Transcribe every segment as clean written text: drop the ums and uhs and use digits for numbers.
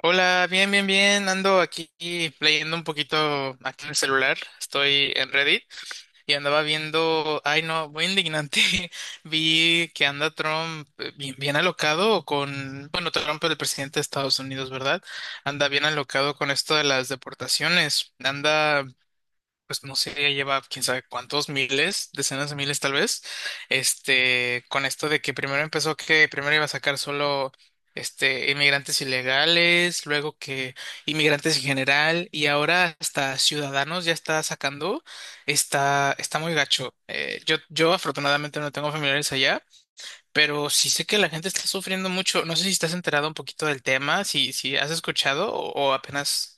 Hola, bien, bien, bien. Ando aquí leyendo un poquito aquí en el celular. Estoy en Reddit y andaba viendo, ay no, muy indignante. Vi que anda Trump bien, bien alocado con, bueno, Trump es el presidente de Estados Unidos, ¿verdad? Anda bien alocado con esto de las deportaciones. Anda pues no sé, ya lleva quién sabe cuántos miles, decenas de miles tal vez, con esto de que primero empezó que primero iba a sacar solo inmigrantes ilegales, luego que inmigrantes en general, y ahora hasta ciudadanos ya está sacando, está, está muy gacho. Yo afortunadamente no tengo familiares allá, pero sí sé que la gente está sufriendo mucho. No sé si estás enterado un poquito del tema, si, si has escuchado o apenas.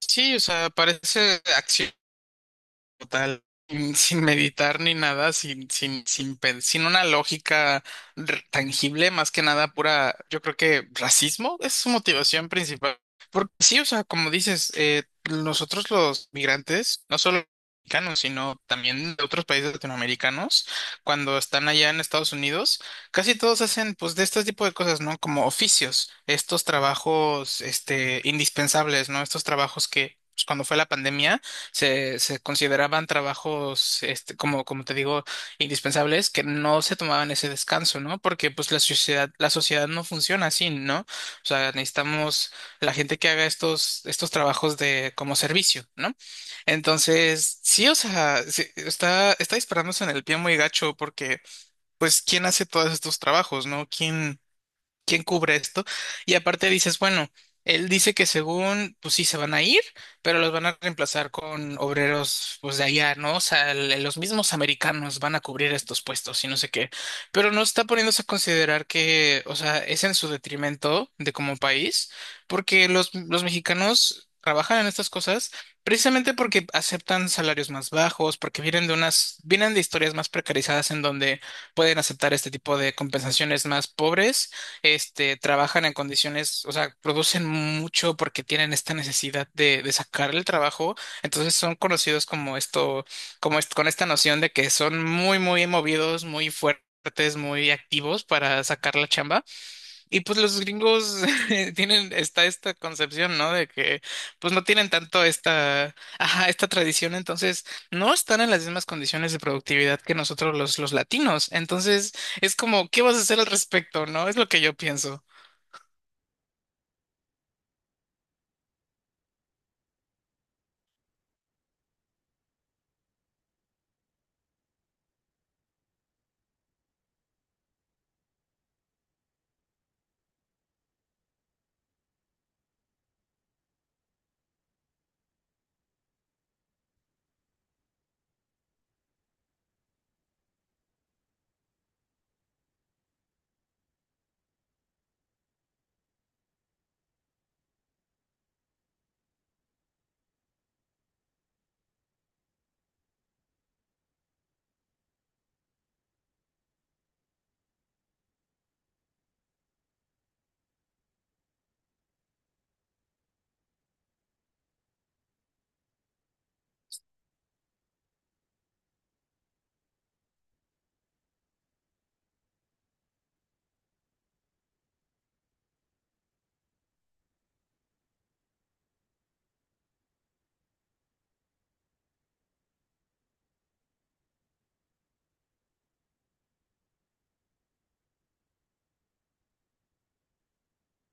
Sí, o sea, parece acción total, sin meditar ni nada, sin una lógica tangible, más que nada pura, yo creo que racismo es su motivación principal. Porque sí, o sea, como dices, nosotros los migrantes, no solo mexicanos, sino también de otros países latinoamericanos, cuando están allá en Estados Unidos, casi todos hacen pues de este tipo de cosas, ¿no? Como oficios, estos trabajos, este, indispensables, ¿no? Estos trabajos que pues, cuando fue la pandemia, se consideraban trabajos, este, como, como te digo, indispensables, que no se tomaban ese descanso, ¿no? Porque pues la sociedad no funciona así, ¿no? O sea, necesitamos la gente que haga estos, estos trabajos de, como servicio, ¿no? Entonces, sí, o sea, sí, está, está disparándose en el pie muy gacho porque, pues, ¿quién hace todos estos trabajos, ¿no? ¿Quién? ¿Quién cubre esto? Y aparte dices, bueno, él dice que según, pues sí, se van a ir, pero los van a reemplazar con obreros, pues de allá, ¿no? O sea, los mismos americanos van a cubrir estos puestos y no sé qué. Pero no está poniéndose a considerar que, o sea, es en su detrimento de como país, porque los mexicanos trabajan en estas cosas. Precisamente porque aceptan salarios más bajos, porque vienen de unas, vienen de historias más precarizadas en donde pueden aceptar este tipo de compensaciones más pobres, este, trabajan en condiciones, o sea, producen mucho porque tienen esta necesidad de sacar el trabajo, entonces son conocidos como esto, con esta noción de que son muy, muy movidos, muy fuertes, muy activos para sacar la chamba. Y pues los gringos tienen, está esta concepción, ¿no? De que pues no tienen tanto esta, ajá, esta tradición, entonces no están en las mismas condiciones de productividad que nosotros los latinos. Entonces es como, ¿qué vas a hacer al respecto, no? Es lo que yo pienso.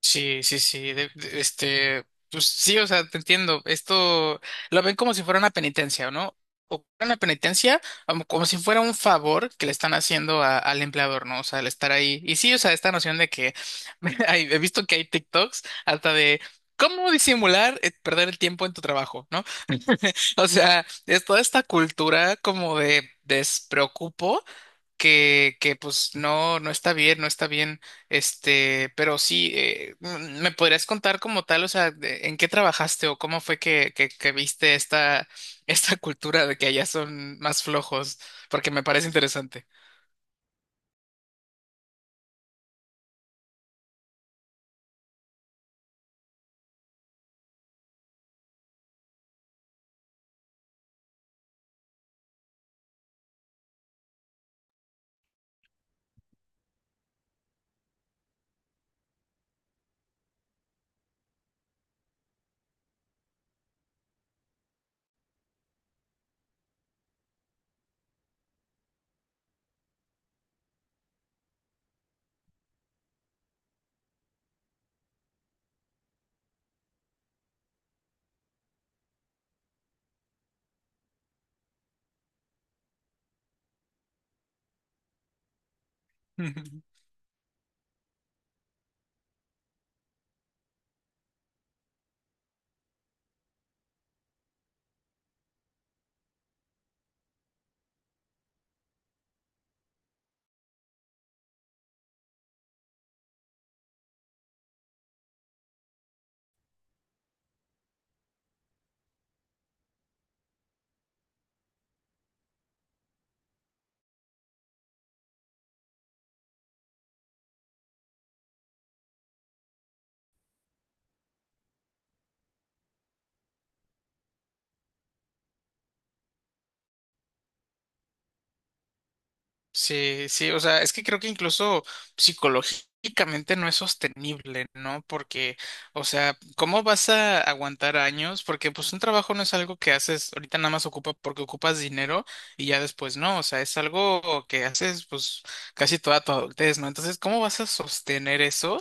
Sí, sí, sí, pues sí, o sea, te entiendo, esto lo ven como si fuera una penitencia, ¿no? O una penitencia, como, como si fuera un favor que le están haciendo al empleador, ¿no? O sea, al estar ahí. Y sí, o sea, esta noción de que he visto que hay TikToks hasta de cómo disimular perder el tiempo en tu trabajo, ¿no? O sea, es toda esta cultura como de despreocupo que pues no, no está bien, no está bien, pero sí, ¿me podrías contar como tal, o sea, en qué trabajaste o cómo fue que viste esta, esta cultura de que allá son más flojos? Porque me parece interesante. Sí, sí, o sea, es que creo que incluso psicológicamente no es sostenible, ¿no? Porque, o sea, ¿cómo vas a aguantar años? Porque pues un trabajo no es algo que haces ahorita nada más ocupa porque ocupas dinero y ya después no, o sea, es algo que haces pues casi toda tu adultez, ¿no? Entonces, ¿cómo vas a sostener eso?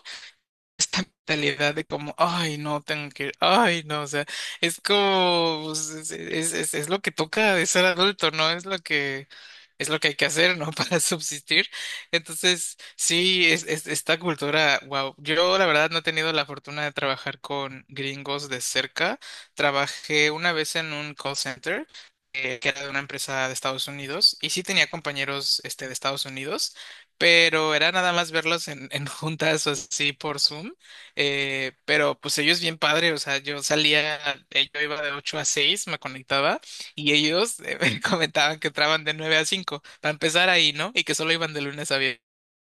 Esta mentalidad de como, ay, no, tengo que ir, ay, no, o sea, es como, pues, es lo que toca de ser adulto, ¿no? Es lo que hay que hacer, ¿no? Para subsistir. Entonces, sí, esta cultura, wow, yo la verdad no he tenido la fortuna de trabajar con gringos de cerca. Trabajé una vez en un call center que era de una empresa de Estados Unidos y sí tenía compañeros este, de Estados Unidos, pero era nada más verlos en juntas o así por Zoom. Pero pues ellos bien padre, o sea, yo salía, yo iba de 8 a 6 me conectaba y ellos me comentaban que entraban de 9 a 5 para empezar ahí, ¿no? Y que solo iban de lunes a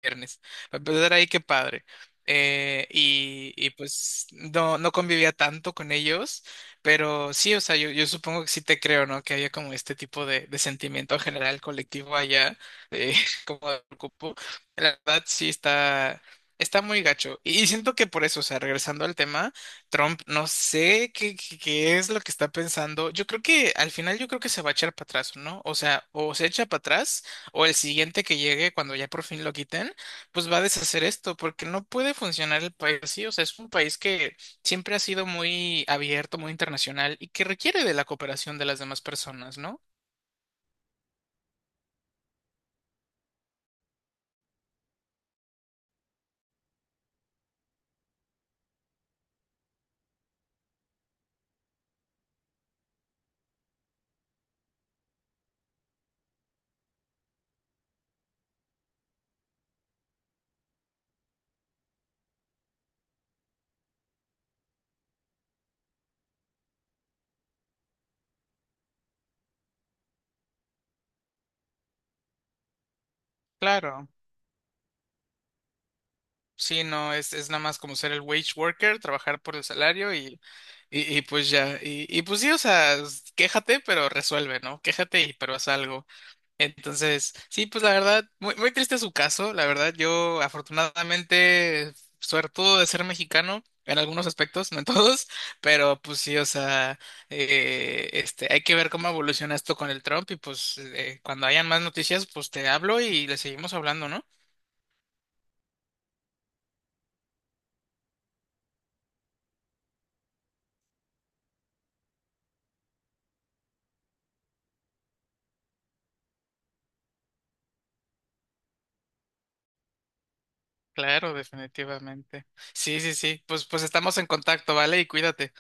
viernes. Para empezar ahí, qué padre. Y pues no, no convivía tanto con ellos, pero sí, o sea, yo supongo que sí te creo, ¿no? Que había como este tipo de sentimiento general colectivo allá, eh, como de preocupo. La verdad sí está, está muy gacho. Y siento que por eso, o sea, regresando al tema, Trump, no sé qué, qué, qué es lo que está pensando. Yo creo que al final yo creo que se va a echar para atrás, ¿no? O sea, o se echa para atrás o el siguiente que llegue cuando ya por fin lo quiten pues va a deshacer esto, porque no puede funcionar el país así. O sea, es un país que siempre ha sido muy abierto, muy internacional y que requiere de la cooperación de las demás personas, ¿no? Claro. Sí, no, es nada más como ser el wage worker, trabajar por el salario y pues ya. Y pues sí, o sea, quéjate, pero resuelve, ¿no? Quéjate y pero haz algo. Entonces, sí, pues la verdad, muy, muy triste su caso. La verdad, yo afortunadamente, suertudo de ser mexicano en algunos aspectos, no en todos, pero pues sí, o sea, hay que ver cómo evoluciona esto con el Trump y pues cuando hayan más noticias, pues te hablo y le seguimos hablando, ¿no? Claro, definitivamente. Sí, sí, sí, pues, pues estamos en contacto, ¿vale? Y cuídate.